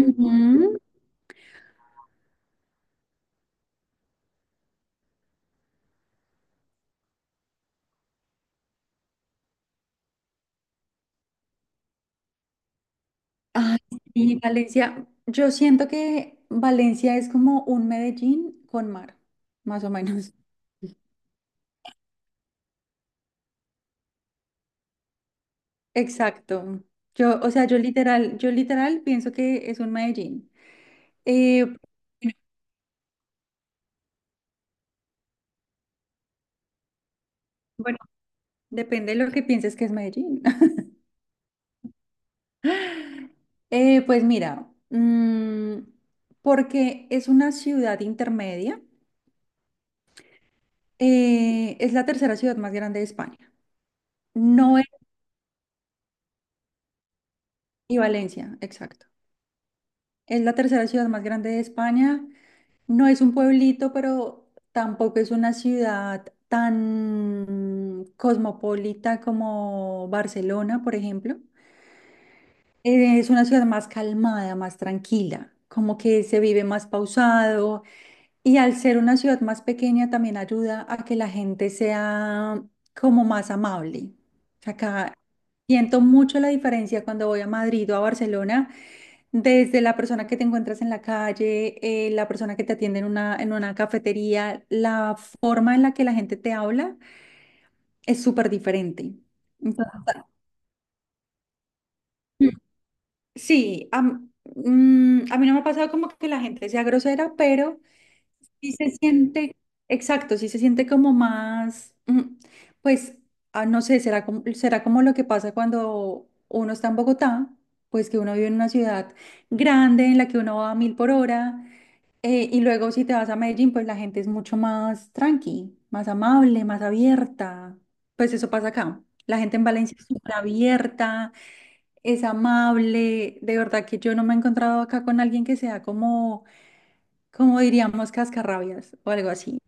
Ujú. Ay, sí, Valencia. Yo siento que Valencia es como un Medellín con mar, más o menos. Exacto. Yo, o sea, yo literal pienso que es un Medellín. Eh, bueno, depende de lo que pienses que es Medellín. Pues mira, porque es una ciudad intermedia. Es la tercera ciudad más grande de España. No es, y Valencia, exacto. Es la tercera ciudad más grande de España. No es un pueblito, pero tampoco es una ciudad tan cosmopolita como Barcelona, por ejemplo. Es una ciudad más calmada, más tranquila, como que se vive más pausado, y al ser una ciudad más pequeña también ayuda a que la gente sea como más amable. Acá siento mucho la diferencia cuando voy a Madrid o a Barcelona. Desde la persona que te encuentras en la calle, la persona que te atiende en una cafetería, la forma en la que la gente te habla es súper diferente. Entonces, Mm. sí, a, m- a mí no me ha pasado como que la gente sea grosera, pero sí se siente, exacto, sí se siente como más, pues, no sé, será como lo que pasa cuando uno está en Bogotá, pues que uno vive en una ciudad grande en la que uno va a mil por hora. Y luego si te vas a Medellín, pues la gente es mucho más tranqui, más amable, más abierta. Pues eso pasa acá. La gente en Valencia es súper abierta, es amable. De verdad que yo no me he encontrado acá con alguien que sea como, como diríamos, cascarrabias o algo así.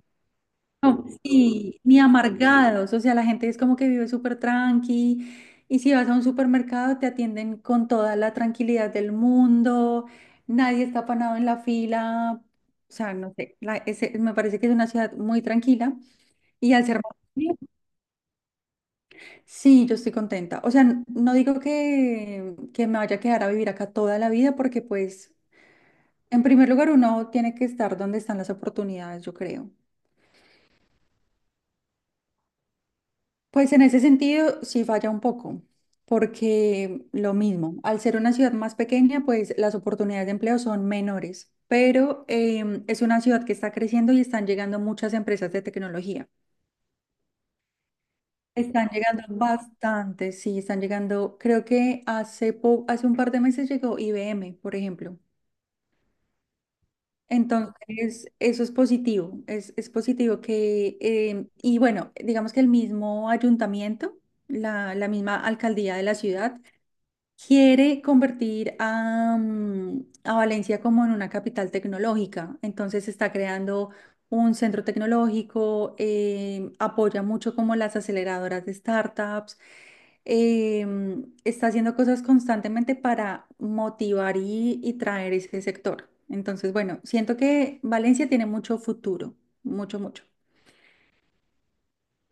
No, sí, ni amargados, o sea, la gente es como que vive súper tranqui, y si vas a un supermercado te atienden con toda la tranquilidad del mundo, nadie está apanado en la fila, o sea, no sé, me parece que es una ciudad muy tranquila y al ser... más- Sí, yo estoy contenta, o sea, no digo que me vaya a quedar a vivir acá toda la vida porque pues, en primer lugar, uno tiene que estar donde están las oportunidades, yo creo. Pues en ese sentido sí falla un poco, porque lo mismo, al ser una ciudad más pequeña, pues las oportunidades de empleo son menores, pero es una ciudad que está creciendo y están llegando muchas empresas de tecnología. Están llegando bastantes, sí, están llegando, creo que hace un par de meses llegó IBM, por ejemplo. Entonces, eso es positivo que, y bueno, digamos que el mismo ayuntamiento, la misma alcaldía de la ciudad, quiere convertir a Valencia como en una capital tecnológica. Entonces está creando un centro tecnológico, apoya mucho como las aceleradoras de startups, eh, está haciendo cosas constantemente para motivar y traer ese sector. Entonces, bueno, siento que Valencia tiene mucho futuro, mucho, mucho.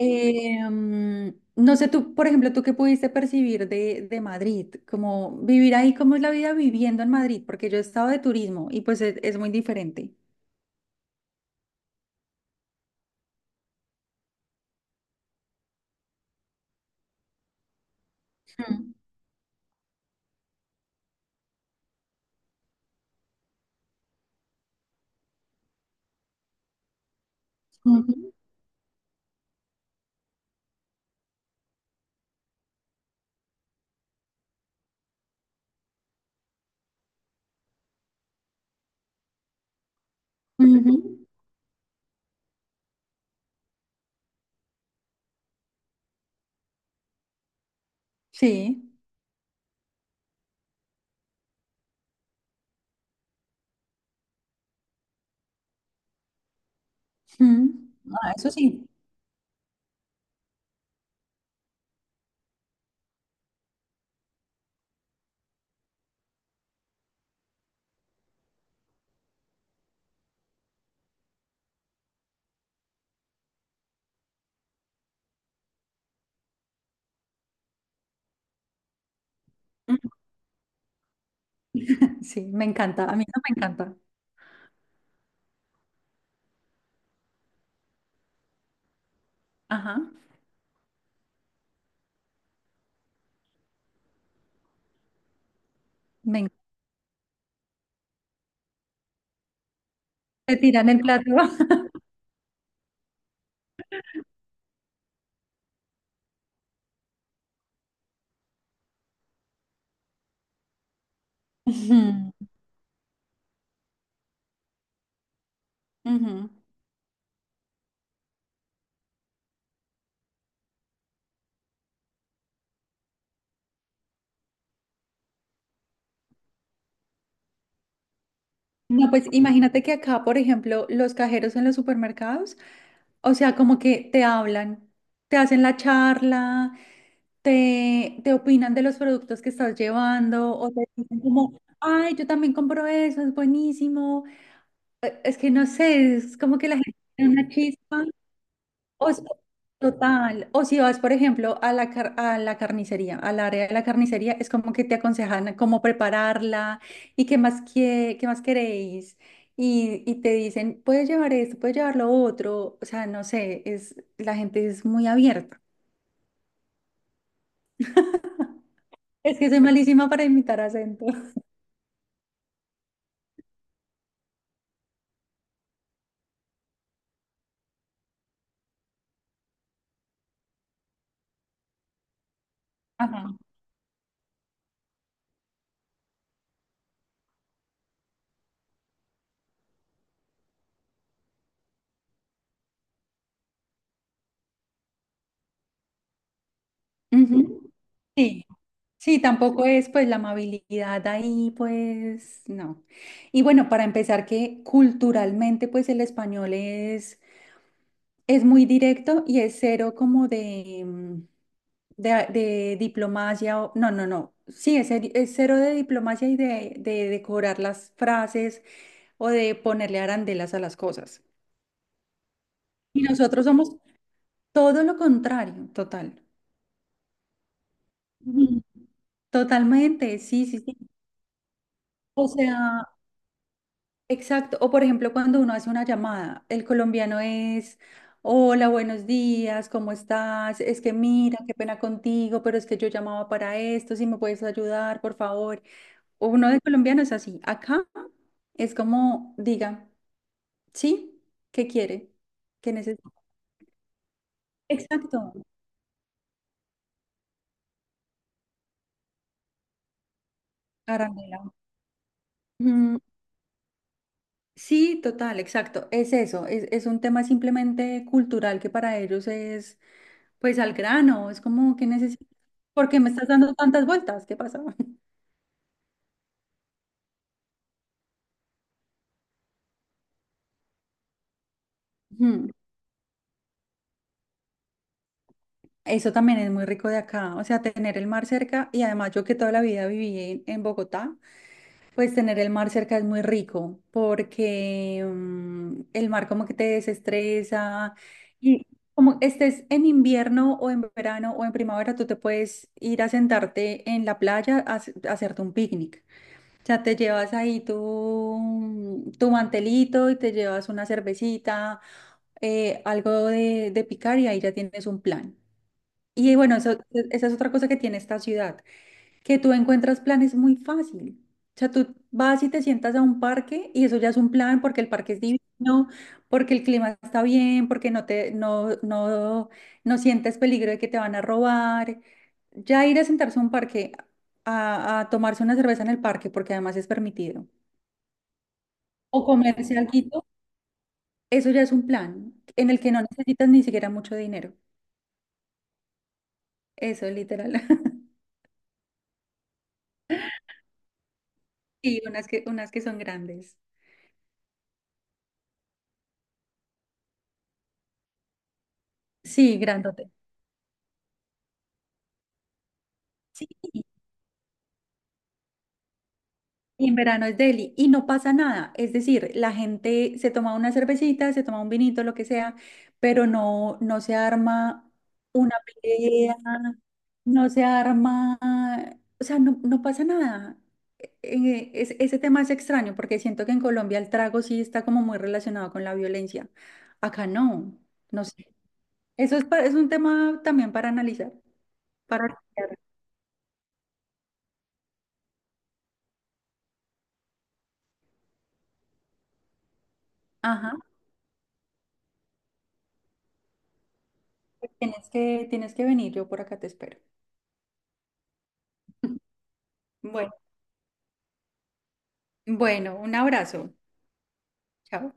No sé, tú, por ejemplo, tú qué pudiste percibir de Madrid, como vivir ahí, cómo es la vida viviendo en Madrid, porque yo he estado de turismo y pues es muy diferente. Mm. Ujú, ujú. Sí. Mm. Ah, eso sí. Sí, me encanta, a mí no me encanta. Ajá, me encanta. Te tiran el plato. Ujú, ujú. No, pues imagínate que acá, por ejemplo, los cajeros en los supermercados, o sea, como que te hablan, te hacen la charla, te opinan de los productos que estás llevando o te dicen como, ay, yo también compro eso, es buenísimo. Es que no sé, es como que la gente tiene una chispa. O es- total. O si vas, por ejemplo, a a la carnicería, al área de la carnicería, es como que te aconsejan cómo prepararla y qué más, qué más queréis. Y te dicen, puedes llevar esto, puedes llevar lo otro. O sea, no sé, es, la gente es muy abierta. Es que soy malísima para imitar acento. Ajá. Ujú. Sí, sí, tampoco es pues la amabilidad ahí, pues no. Y bueno, para empezar, que culturalmente pues el español es muy directo y es cero como de diplomacia, no, no, no, sí, es cero de diplomacia y de decorar las frases o de ponerle arandelas a las cosas. Y nosotros somos todo lo contrario, total. Ujú. Totalmente, sí, sí, sí. O sea... Exacto, o por ejemplo cuando uno hace una llamada, el colombiano es, hola, buenos días, ¿cómo estás? Es que mira, qué pena contigo, pero es que yo llamaba para esto, si me puedes ayudar, por favor. Uno de colombiano es así, acá es como, diga, ¿sí? ¿Qué quiere? ¿Qué necesita? Exacto, arandela. Mm, sí, total, exacto, es eso, es un tema simplemente cultural que para ellos es... pues al grano, es como que necesito. ¿Por qué me estás dando tantas vueltas? ¿Qué pasa? Ujú. Eso también es muy rico de acá, o sea, tener el mar cerca y además yo que toda la vida viví en Bogotá, pues tener el mar cerca es muy rico porque el mar como que te desestresa, y como estés en invierno o en verano o en primavera, tú te puedes ir a sentarte en la playa a hacerte un picnic. Ya te llevas ahí tu mantelito y te llevas una cervecita, algo de picar y ahí ya tienes un plan. Y bueno, esa es otra cosa que tiene esta ciudad, que tú encuentras planes muy fácil. O sea, tú vas y te sientas a un parque y eso ya es un plan porque el parque es divino, porque el clima está bien, porque no sientes peligro de que te van a robar. Ya ir a sentarse a un parque a tomarse una cerveza en el parque, porque además es permitido. O comerse algo, eso ya es un plan en el que no necesitas ni siquiera mucho dinero. Eso, literal. Sí, unas que son grandes. Sí, grandote. Sí. Y en verano es Delhi y no pasa nada. Es decir, la gente se toma una cervecita, se toma un vinito, lo que sea, pero no se arma una pelea, no se arma, o sea, no, no pasa nada. Ese tema es extraño porque siento que en Colombia el trago sí está como muy relacionado con la violencia. Acá no, no sé. Eso es, es un tema también para analizar, para... Ajá, tienes que venir, yo por acá te espero. Bueno. Bueno, un abrazo. Chao.